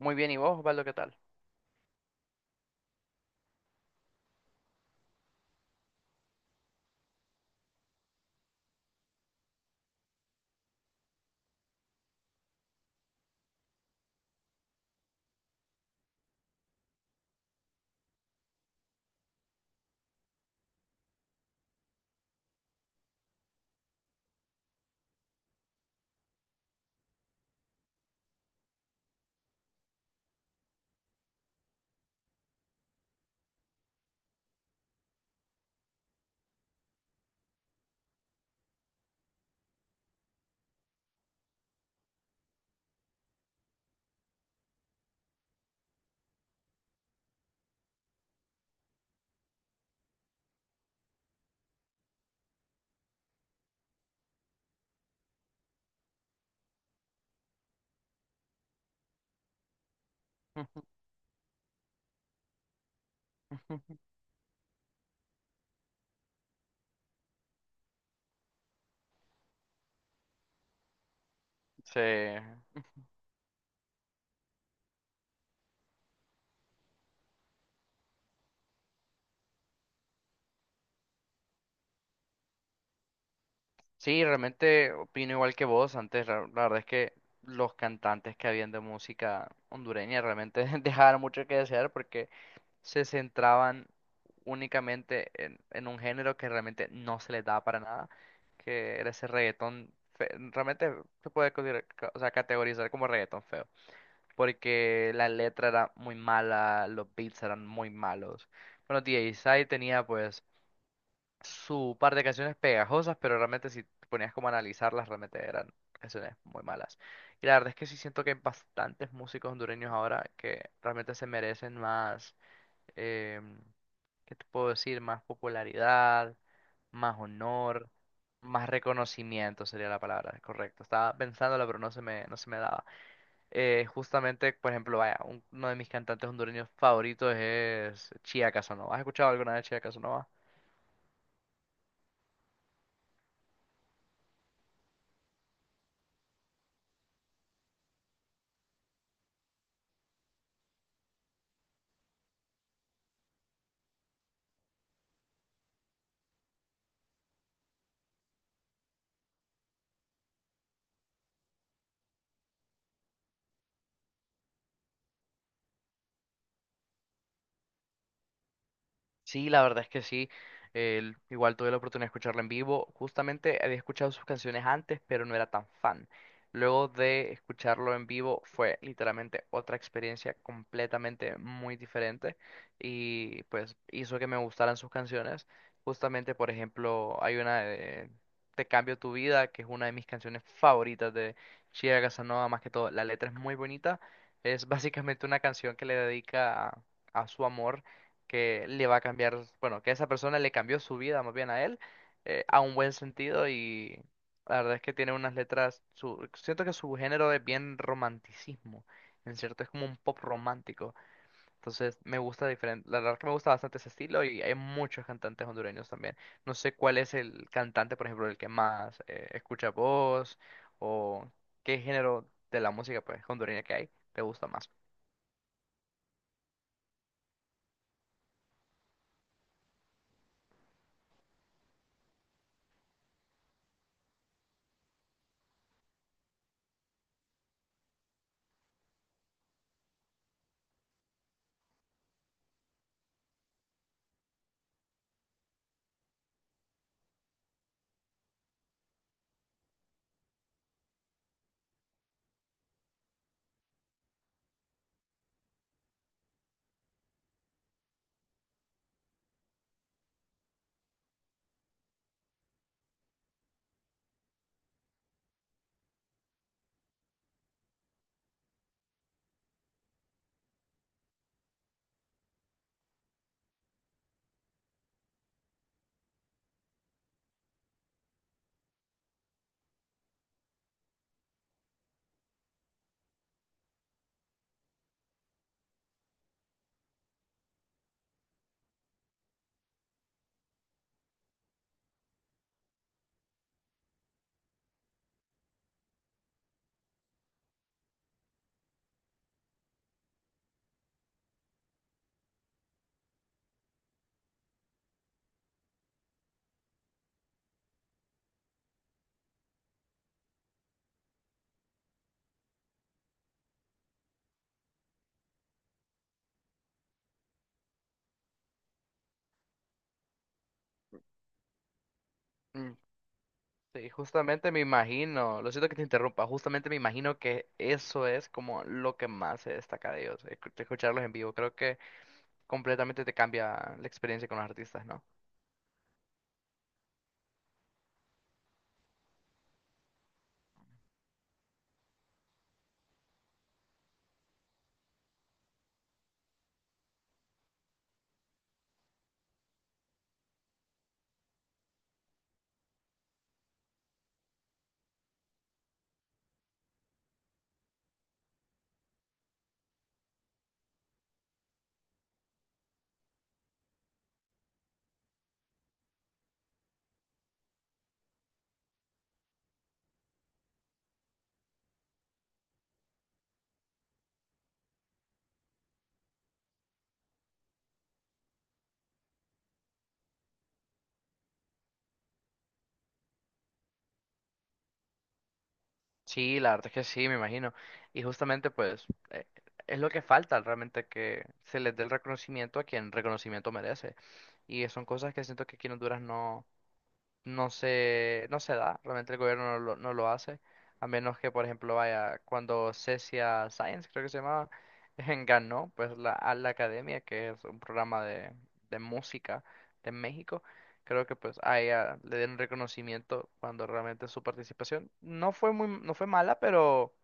Muy bien, ¿y vos, Osvaldo, qué tal? Sí, sí, realmente opino igual que vos antes. La verdad es que los cantantes que habían de música hondureña realmente dejaban mucho que desear porque se centraban únicamente en un género que realmente no se les daba para nada, que era ese reggaetón. Realmente se puede o sea, categorizar como reggaetón feo, porque la letra era muy mala, los beats eran muy malos. Bueno, DJ Sai tenía pues su par de canciones pegajosas, pero realmente si te ponías como a analizarlas, realmente eran canciones muy malas. Y la verdad es que sí siento que hay bastantes músicos hondureños ahora que realmente se merecen más, em, ¿qué te puedo decir? Más popularidad, más honor, más reconocimiento sería la palabra, correcto. Estaba pensándola, pero no se me daba. Justamente, por ejemplo, vaya, uno de mis cantantes hondureños favoritos es Chía Casanova. ¿Has escuchado alguna vez Chía Casanova? Sí, la verdad es que sí. Igual tuve la oportunidad de escucharla en vivo. Justamente había escuchado sus canciones antes, pero no era tan fan. Luego de escucharlo en vivo fue literalmente otra experiencia completamente muy diferente y pues hizo que me gustaran sus canciones. Justamente, por ejemplo, hay una de Te cambio tu vida, que es una de mis canciones favoritas de Chiara Casanova, más que todo. La letra es muy bonita. Es básicamente una canción que le dedica a su amor que le va a cambiar, bueno, que esa persona le cambió su vida más bien a él, a un buen sentido y la verdad es que tiene unas letras, su, siento que su género es bien romanticismo, en cierto, es como un pop romántico, entonces me gusta diferente, la verdad que me gusta bastante ese estilo y hay muchos cantantes hondureños también, no sé cuál es el cantante, por ejemplo, el que más escucha voz o qué género de la música pues hondureña que hay te gusta más. Sí, justamente me imagino, lo siento que te interrumpa, justamente me imagino que eso es como lo que más se destaca de ellos, escucharlos en vivo, creo que completamente te cambia la experiencia con los artistas, ¿no? Sí, la verdad es que sí, me imagino, y justamente pues es lo que falta realmente que se les dé el reconocimiento a quien reconocimiento merece, y son cosas que siento que aquí en Honduras no. No se da, realmente el gobierno no lo hace, a menos que, por ejemplo, vaya, cuando Cecia Science, creo que se llamaba, ganó pues la, a la academia, que es un programa de música de México, creo que pues a ella le dieron reconocimiento cuando realmente su participación no fue muy, no fue mala, pero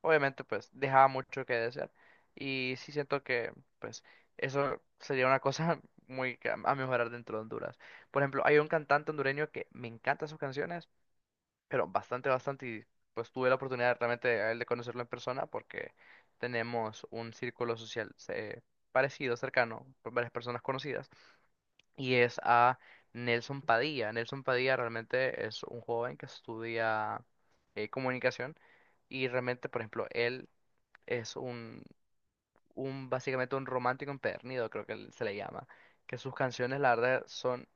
obviamente, pues dejaba mucho que desear. Y sí siento que, pues, eso sería una cosa muy a mejorar dentro de Honduras. Por ejemplo, hay un cantante hondureño que me encantan sus canciones, pero bastante, bastante. Y pues tuve la oportunidad realmente a él de conocerlo en persona porque tenemos un círculo social parecido, cercano, con varias personas conocidas. Y es a Nelson Padilla. Nelson Padilla realmente es un joven que estudia comunicación. Y realmente, por ejemplo, él es un básicamente un romántico empedernido, creo que se le llama, que sus canciones, la verdad, son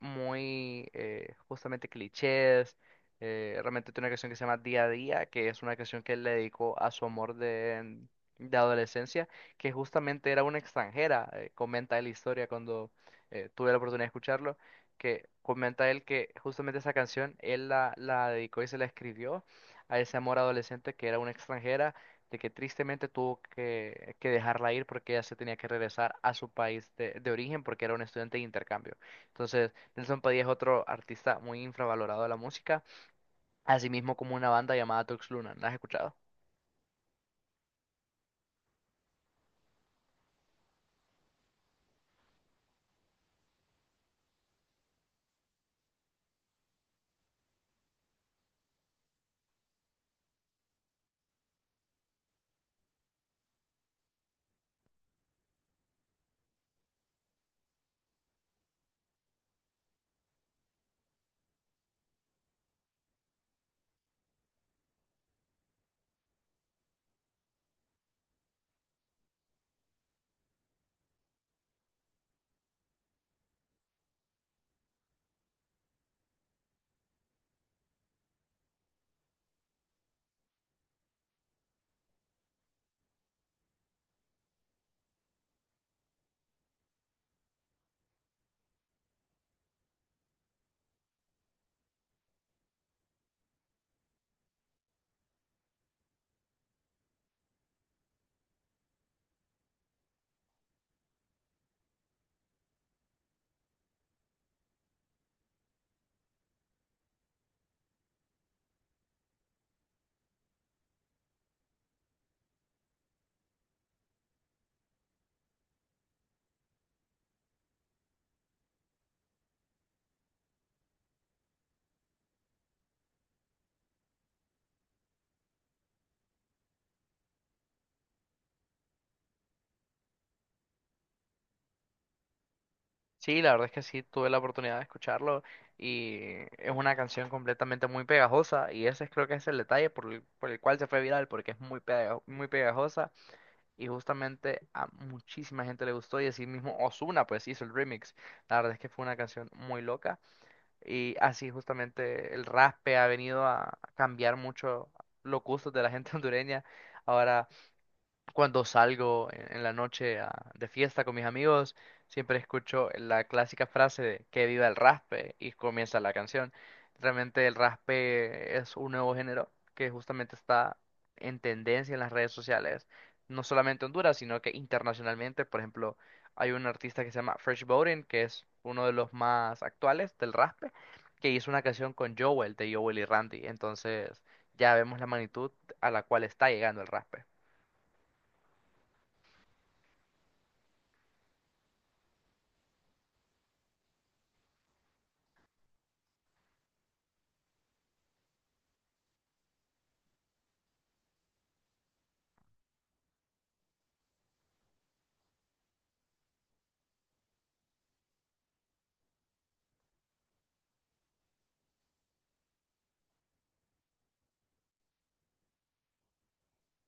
muy justamente clichés. Realmente tiene una canción que se llama Día a Día, que es una canción que él le dedicó a su amor de adolescencia, que justamente era una extranjera. Comenta él la historia cuando tuve la oportunidad de escucharlo, que comenta él que justamente esa canción él la dedicó y se la escribió a ese amor adolescente que era una extranjera. De que tristemente tuvo que dejarla ir porque ella se tenía que regresar a su país de origen porque era un estudiante de intercambio. Entonces, Nelson Padilla es otro artista muy infravalorado de la música, así mismo como una banda llamada Tux Luna. ¿La has escuchado? Sí, la verdad es que sí, tuve la oportunidad de escucharlo y es una canción completamente muy pegajosa y ese creo que es el detalle por el cual se fue viral, porque es muy pegajosa y justamente a muchísima gente le gustó y así mismo Ozuna pues hizo el remix. La verdad es que fue una canción muy loca y así justamente el raspe ha venido a cambiar mucho los gustos de la gente hondureña. Ahora cuando salgo en la noche de fiesta con mis amigos, siempre escucho la clásica frase de que viva el raspe y comienza la canción. Realmente el raspe es un nuevo género que justamente está en tendencia en las redes sociales, no solamente en Honduras, sino que internacionalmente. Por ejemplo, hay un artista que se llama Fresh Bowden, que es uno de los más actuales del raspe, que hizo una canción con Joel de Joel y Randy. Entonces ya vemos la magnitud a la cual está llegando el raspe.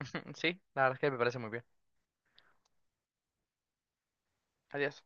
Sí, la verdad es que me parece muy bien. Adiós.